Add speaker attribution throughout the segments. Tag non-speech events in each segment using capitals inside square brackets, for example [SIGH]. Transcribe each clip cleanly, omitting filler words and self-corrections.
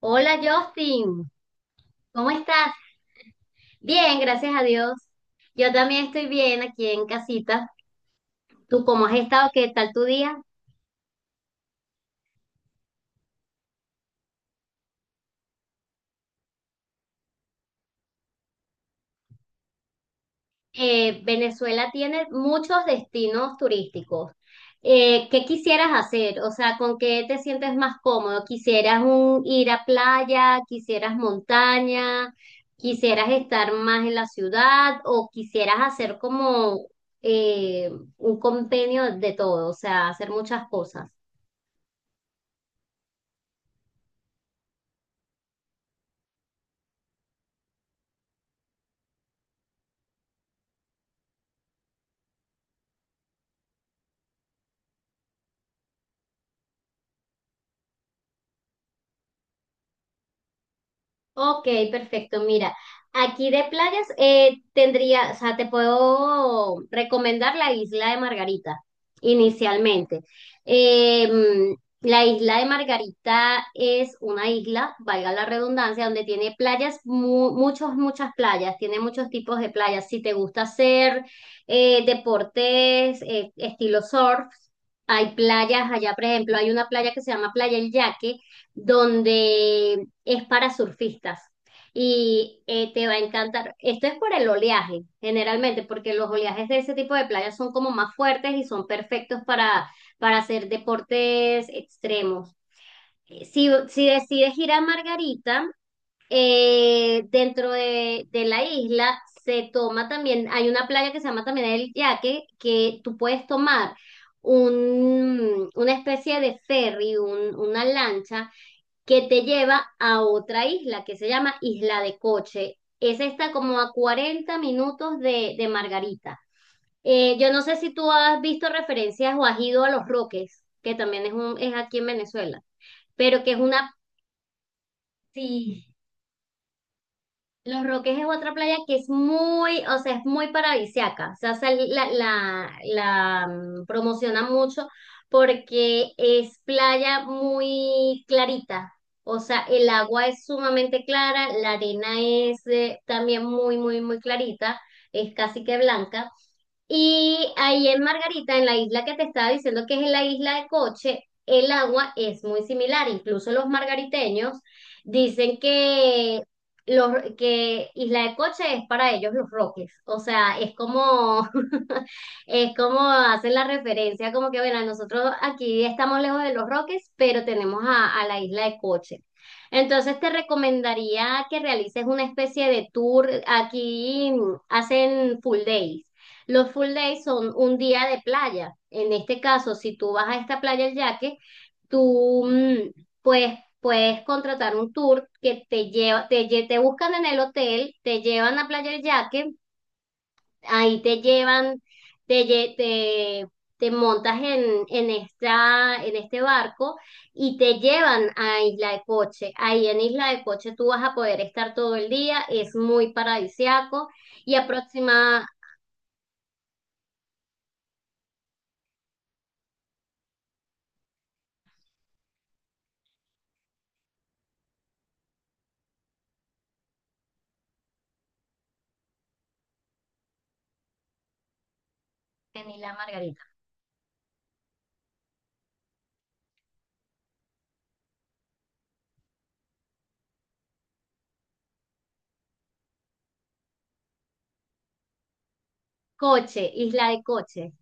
Speaker 1: Hola Justin, ¿cómo estás? Bien, gracias a Dios. Yo también estoy bien aquí en casita. ¿Tú cómo has estado? ¿Qué tal tu día? Venezuela tiene muchos destinos turísticos. ¿Qué quisieras hacer? O sea, ¿con qué te sientes más cómodo? ¿Quisieras ir a playa? ¿Quisieras montaña? ¿Quisieras estar más en la ciudad? ¿O quisieras hacer como eh, un compendio de todo? O sea, hacer muchas cosas. Ok, perfecto. Mira, aquí de playas tendría, o sea, te puedo recomendar la isla de Margarita inicialmente. Eh, mm, la isla de Margarita es una isla, valga la redundancia, donde tiene playas, muchas playas, tiene muchos tipos de playas. Si te gusta hacer deportes, estilo surf, hay playas allá, por ejemplo, hay una playa que se llama Playa El Yaque, donde es para surfistas y te va a encantar. Esto es por el oleaje, generalmente, porque los oleajes de ese tipo de playas son como más fuertes y son perfectos para hacer deportes extremos. Si decides ir a Margarita, de la isla se toma también, hay una playa que se llama también El Yaque, que tú puedes tomar una especie de ferry, una lancha que te lleva a otra isla que se llama Isla de Coche. Esa está como a 40 minutos de Margarita. Yo no sé si tú has visto referencias o has ido a Los Roques, que también es, un, es aquí en Venezuela, pero que es una, sí, Los Roques es otra playa que es muy, o sea, es muy paradisiaca. O sea, promociona mucho porque es playa muy clarita. O sea, el agua es sumamente clara, la arena es también muy, muy, muy clarita, es casi que blanca. Y ahí en Margarita, en la isla que te estaba diciendo que es la isla de Coche, el agua es muy similar. Incluso los margariteños dicen los, que Isla de Coche es para ellos los Roques. O sea, es como, [LAUGHS] es como hacen la referencia, como que, bueno, nosotros aquí estamos lejos de los Roques, pero tenemos a la Isla de Coche. Entonces te recomendaría que realices una especie de tour. Aquí mm, hacen full days. Los full days son un día de playa. En este caso, si tú vas a esta playa El Yaque, tú mm, pues puedes contratar un tour que te lleva, te buscan en el hotel, te llevan a Playa El Yaque, ahí te llevan, te, lle- te, te montas en esta, en este barco y te llevan a Isla de Coche. Ahí en Isla de Coche tú vas a poder estar todo el día, es muy paradisiaco y aproxima en Isla Margarita. Coche, Isla de Coche.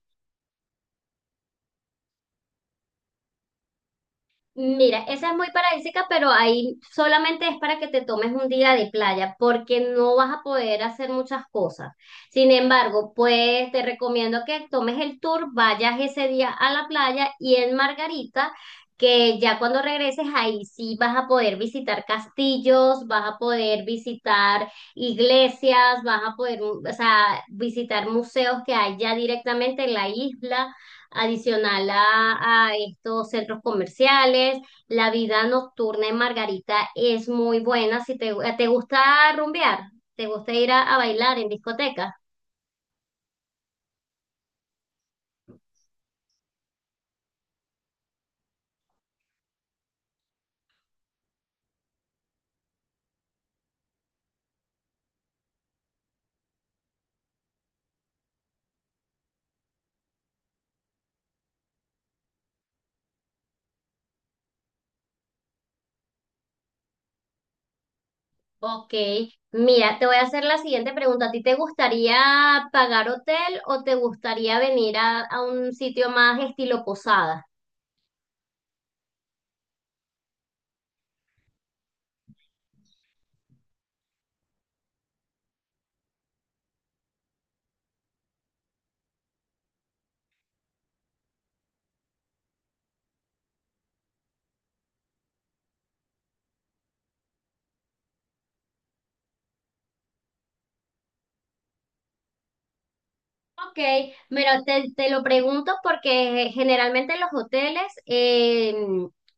Speaker 1: Mira, esa es muy paradisíaca, pero ahí solamente es para que te tomes un día de playa, porque no vas a poder hacer muchas cosas. Sin embargo, pues te recomiendo que tomes el tour, vayas ese día a la playa y en Margarita, que ya cuando regreses ahí sí vas a poder visitar castillos, vas a poder visitar iglesias, vas a poder, o sea, visitar museos que hay ya directamente en la isla adicional a estos centros comerciales. La vida nocturna en Margarita es muy buena. Si te, te gusta rumbear, te gusta ir a bailar en discoteca. Ok, mira, te voy a hacer la siguiente pregunta. ¿A ti te gustaría pagar hotel o te gustaría venir a un sitio más estilo posada? Ok, mira, te lo pregunto porque generalmente los hoteles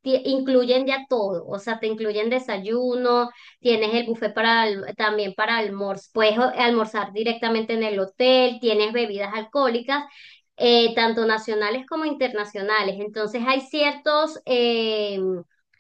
Speaker 1: incluyen ya todo, o sea, te incluyen desayuno, tienes el buffet para también para almuerzo, puedes almorzar directamente en el hotel, tienes bebidas alcohólicas, tanto nacionales como internacionales. Entonces hay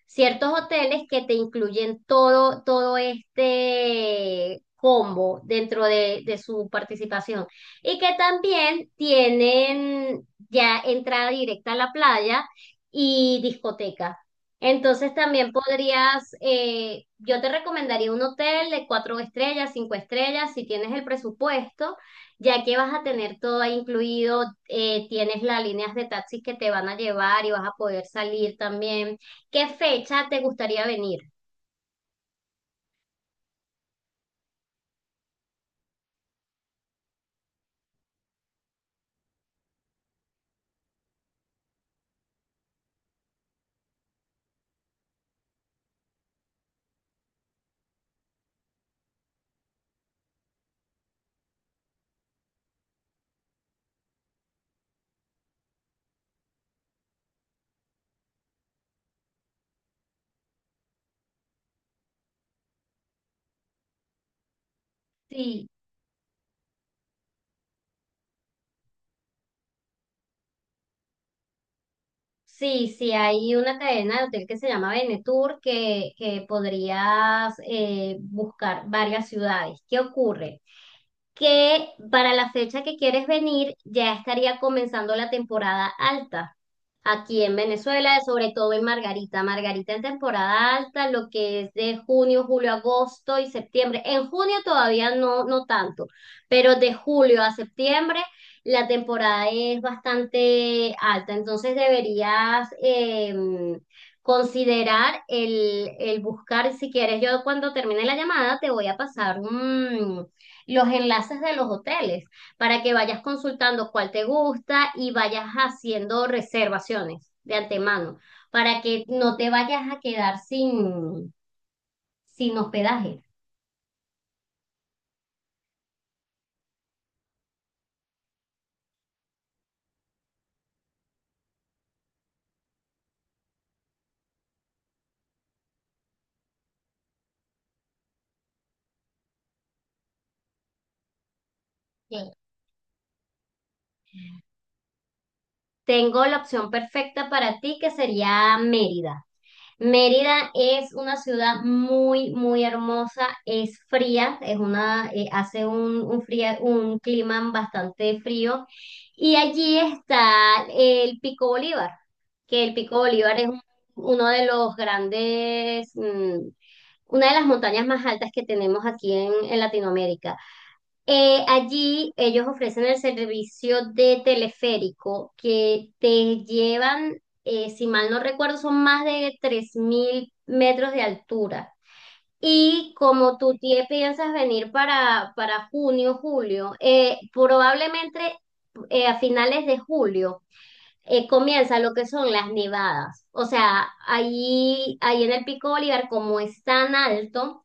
Speaker 1: ciertos hoteles que te incluyen todo todo este combo dentro de su participación y que también tienen ya entrada directa a la playa y discoteca. Entonces también podrías, yo te recomendaría un hotel de 4 estrellas, 5 estrellas, si tienes el presupuesto, ya que vas a tener todo ahí incluido, tienes las líneas de taxis que te van a llevar y vas a poder salir también. ¿Qué fecha te gustaría venir? Sí. Sí, sí, hay una cadena de hotel que se llama Benetour que podrías buscar varias ciudades. ¿Qué ocurre? Que para la fecha que quieres venir ya estaría comenzando la temporada alta aquí en Venezuela, sobre todo en Margarita. Margarita en temporada alta, lo que es de junio, julio, agosto y septiembre. En junio todavía no, no tanto, pero de julio a septiembre la temporada es bastante alta, entonces deberías considerar el buscar, si quieres, yo cuando termine la llamada te voy a pasar mm, los enlaces de los hoteles para que vayas consultando cuál te gusta y vayas haciendo reservaciones de antemano, para que no te vayas a quedar sin hospedaje. Sí. Tengo la opción perfecta para ti que sería Mérida. Mérida es una ciudad muy, muy hermosa, es fría, es una, hace un clima bastante frío y allí está el Pico Bolívar, que el Pico Bolívar uno de los grandes, mm, una de las montañas más altas que tenemos aquí en Latinoamérica. Allí ellos ofrecen el servicio de teleférico que te llevan, si mal no recuerdo, son más de 3.000 metros de altura. Y como tú piensas venir para junio, julio, probablemente a finales de julio comienza lo que son las nevadas. O sea, ahí en el Pico Bolívar, como es tan alto,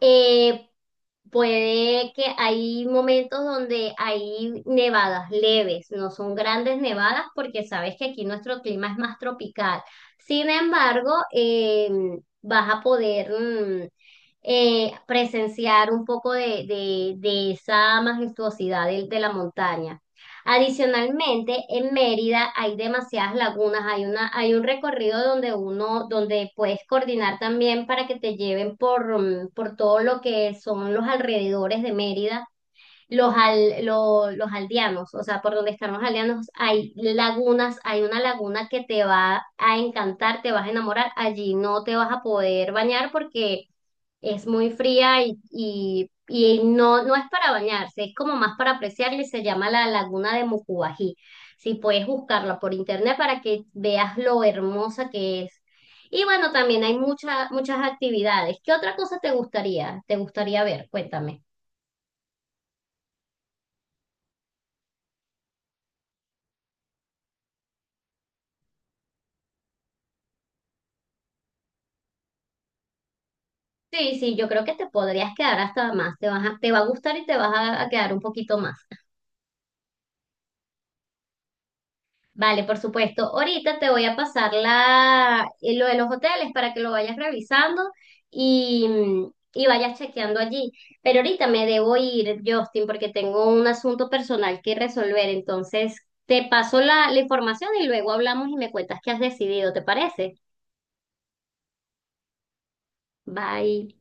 Speaker 1: eh, puede que hay momentos donde hay nevadas leves, no son grandes nevadas porque sabes que aquí nuestro clima es más tropical. Sin embargo, vas a poder mm, presenciar un poco de esa majestuosidad de la montaña. Adicionalmente, en Mérida hay demasiadas lagunas, hay una, hay un recorrido donde uno, donde puedes coordinar también para que te lleven por, mm, por todo lo que son los alrededores de Mérida, los aldeanos, o sea, por donde están los aldeanos, hay lagunas, hay una laguna que te va a encantar, te vas a enamorar, allí no te vas a poder bañar porque es muy fría y no, no es para bañarse, es como más para apreciarla y se llama la Laguna de Mucubají. Si puedes buscarla por internet para que veas lo hermosa que es. Y bueno, también hay muchas muchas actividades. ¿Qué otra cosa te gustaría? ¿Te gustaría ver? Cuéntame. Sí, sí, yo creo que te podrías quedar hasta más. Te va a gustar y te vas a quedar un poquito más. Vale, por supuesto. Ahorita te voy a pasar la, lo de los hoteles para que lo vayas revisando y, mm, y vayas chequeando allí. Pero ahorita me debo ir, Justin, porque tengo un asunto personal que resolver. Entonces, te paso la información y luego hablamos y me cuentas qué has decidido, ¿te parece? Bye.